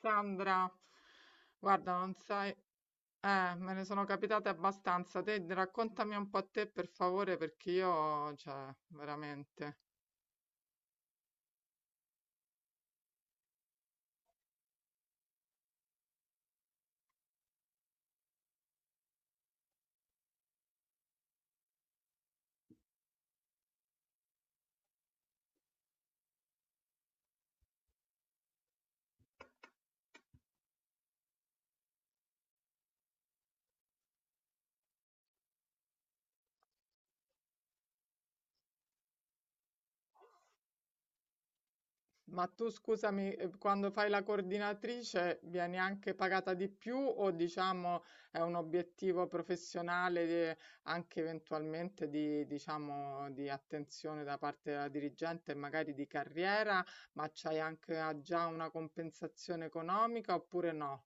Sandra, guarda, non sai, me ne sono capitate abbastanza. Te raccontami un po' a te per favore, perché io, cioè, veramente. Ma tu scusami, quando fai la coordinatrice vieni anche pagata di più o diciamo è un obiettivo professionale de- anche eventualmente di, diciamo, di attenzione da parte della dirigente e magari di carriera, ma c'hai anche già una compensazione economica oppure no?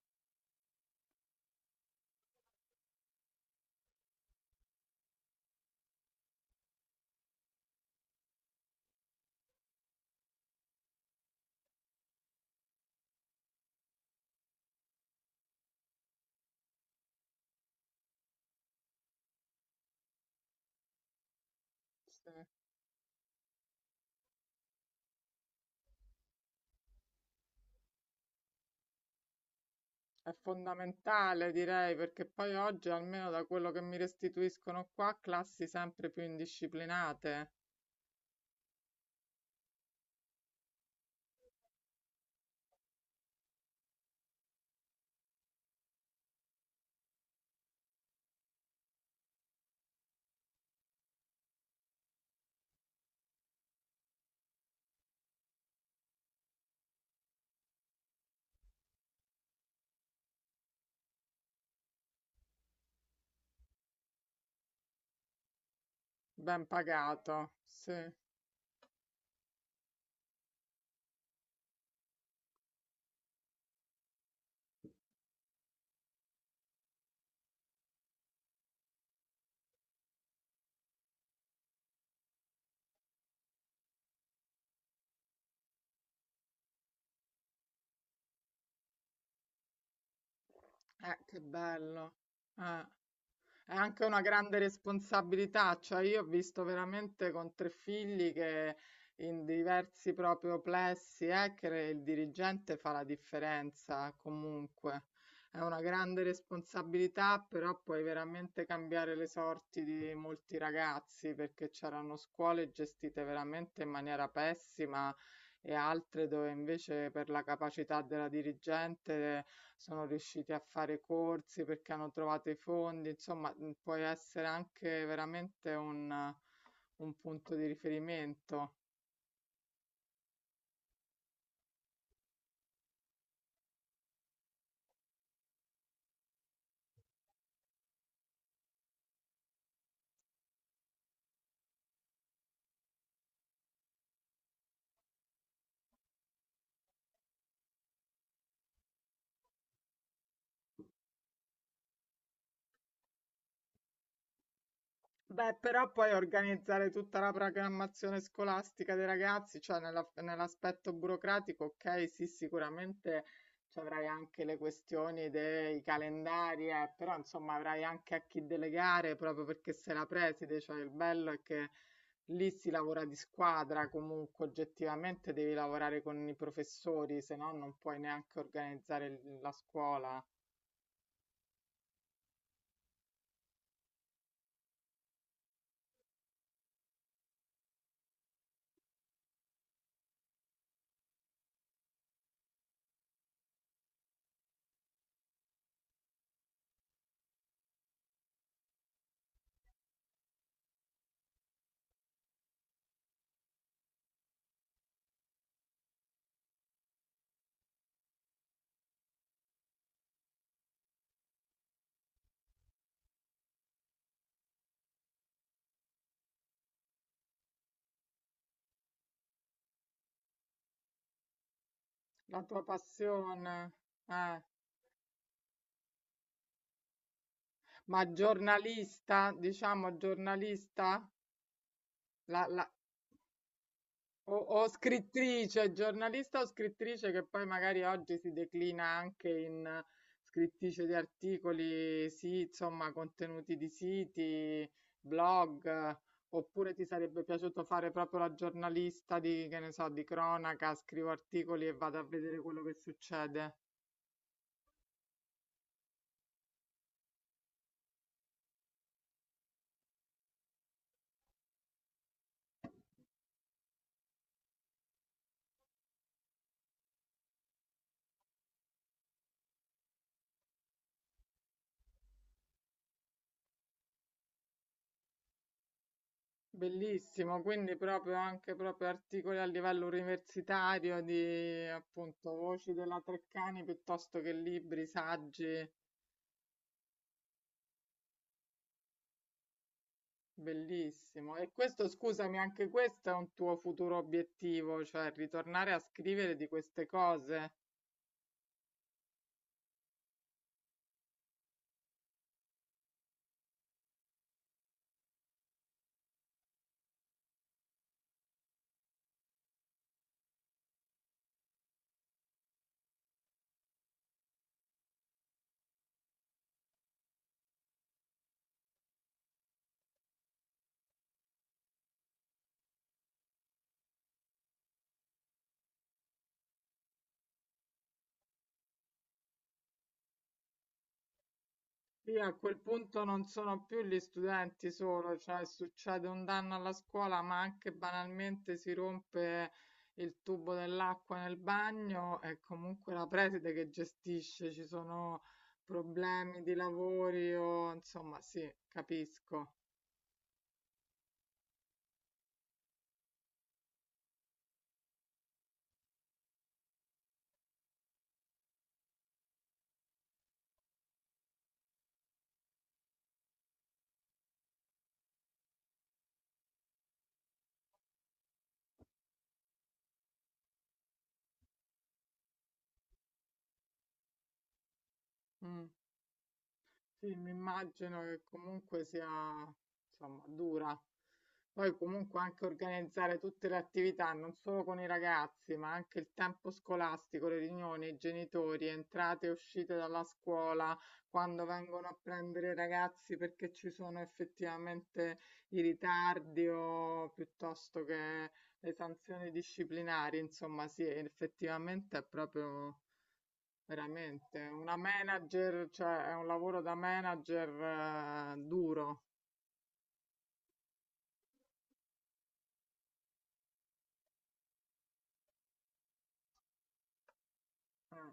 Sì. È fondamentale, direi, perché poi oggi, almeno da quello che mi restituiscono qua, classi sempre più indisciplinate, ben pagato. Sì, che bello. Eh. È anche una grande responsabilità, cioè io ho visto veramente con tre figli che in diversi proprio plessi, che il dirigente fa la differenza comunque. È una grande responsabilità, però puoi veramente cambiare le sorti di molti ragazzi perché c'erano scuole gestite veramente in maniera pessima e altre dove invece per la capacità della dirigente sono riusciti a fare corsi perché hanno trovato i fondi, insomma, puoi essere anche veramente un punto di riferimento. Beh, però poi organizzare tutta la programmazione scolastica dei ragazzi, cioè nella- nell'aspetto burocratico, ok, sì, sicuramente ci avrai anche le questioni dei calendari, però insomma avrai anche a chi delegare proprio perché sei la preside, cioè il bello è che lì si lavora di squadra, comunque oggettivamente devi lavorare con i professori, se no non puoi neanche organizzare l- la scuola. La tua passione, eh. Ma giornalista, diciamo giornalista, la- la- o scrittrice, giornalista o scrittrice che poi magari oggi si declina anche in scrittrice di articoli, sì, insomma, contenuti di siti, blog, oppure ti sarebbe piaciuto fare proprio la giornalista di, che ne so, di cronaca, scrivo articoli e vado a vedere quello che succede. Bellissimo, quindi proprio anche proprio articoli a livello universitario di appunto voci della Treccani piuttosto che libri, saggi, bellissimo. E questo, scusami, anche questo è un tuo futuro obiettivo, cioè ritornare a scrivere di queste cose. Sì, a quel punto non sono più gli studenti solo, cioè succede un danno alla scuola, ma anche banalmente si rompe il tubo dell'acqua nel bagno, è comunque la preside che gestisce, ci sono problemi di lavori o insomma, sì, capisco. Mm. Sì, mi immagino che comunque sia, insomma, dura. Poi comunque anche organizzare tutte le attività, non solo con i ragazzi, ma anche il tempo scolastico, le riunioni, i genitori, entrate e uscite dalla scuola, quando vengono a prendere i ragazzi perché ci sono effettivamente i ritardi o piuttosto che le sanzioni disciplinari, insomma, sì, effettivamente è proprio veramente. Una manager, cioè è un lavoro da manager duro, eh,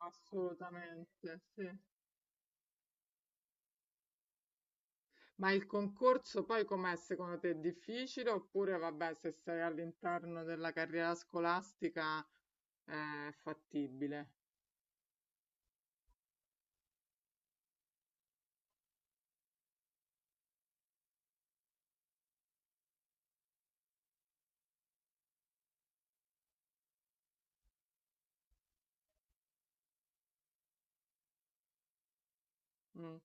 assolutamente, sì. Ma il concorso poi com'è secondo te? È difficile oppure vabbè, se sei all'interno della carriera scolastica è fattibile? Mm.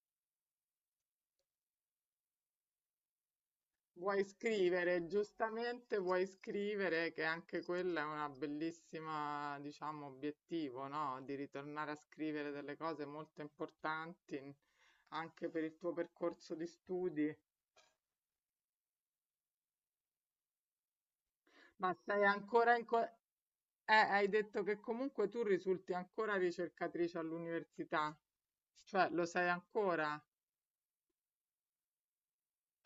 Vuoi scrivere, giustamente vuoi scrivere che anche quella è una bellissima, diciamo, obiettivo, no? Di ritornare a scrivere delle cose molto importanti in- anche per il tuo percorso di studi. Ma sei ancora in... co- hai detto che comunque tu risulti ancora ricercatrice all'università, cioè lo sei ancora?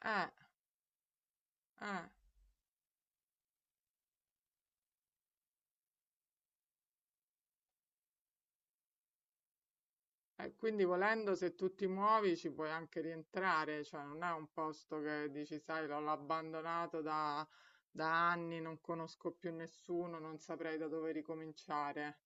Eh, eh. Quindi volendo, se tu ti muovi ci puoi anche rientrare, cioè non è un posto che dici, sai, l'ho abbandonato da, da anni, non conosco più nessuno, non saprei da dove ricominciare.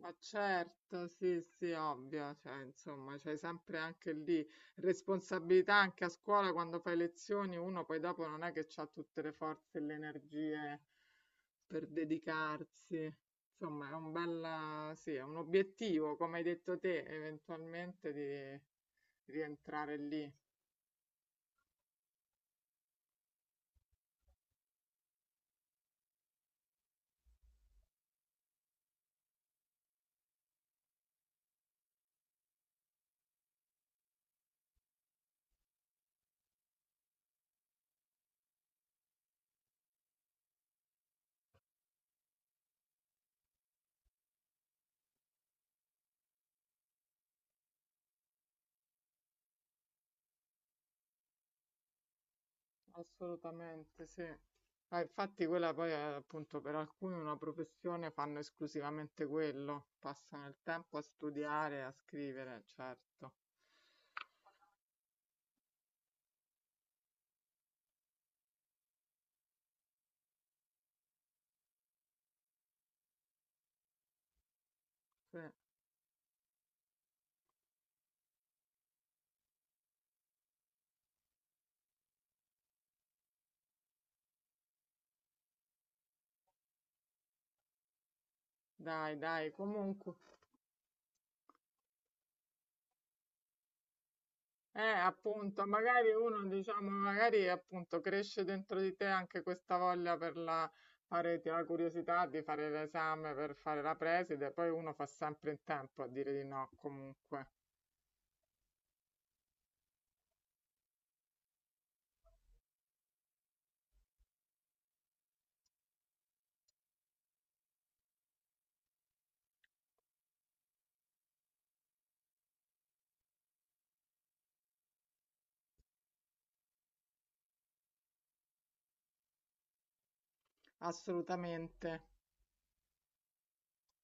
Ma certo, sì, sì, ovvio, cioè, insomma, c'hai sempre anche lì responsabilità anche a scuola quando fai lezioni, uno poi dopo non è che ha tutte le forze e le energie per dedicarsi. Insomma, è un bella, sì, è un obiettivo, come hai detto te, eventualmente di rientrare lì. Assolutamente sì. Ah, infatti quella poi è appunto per alcuni una professione, fanno esclusivamente quello, passano il tempo a studiare, a scrivere, certo. Sì. Dai, dai, comunque, appunto, magari uno, diciamo, magari appunto cresce dentro di te anche questa voglia per la, fare, ti- la curiosità di fare l'esame per fare la preside, poi uno fa sempre in tempo a dire di no, comunque. Assolutamente.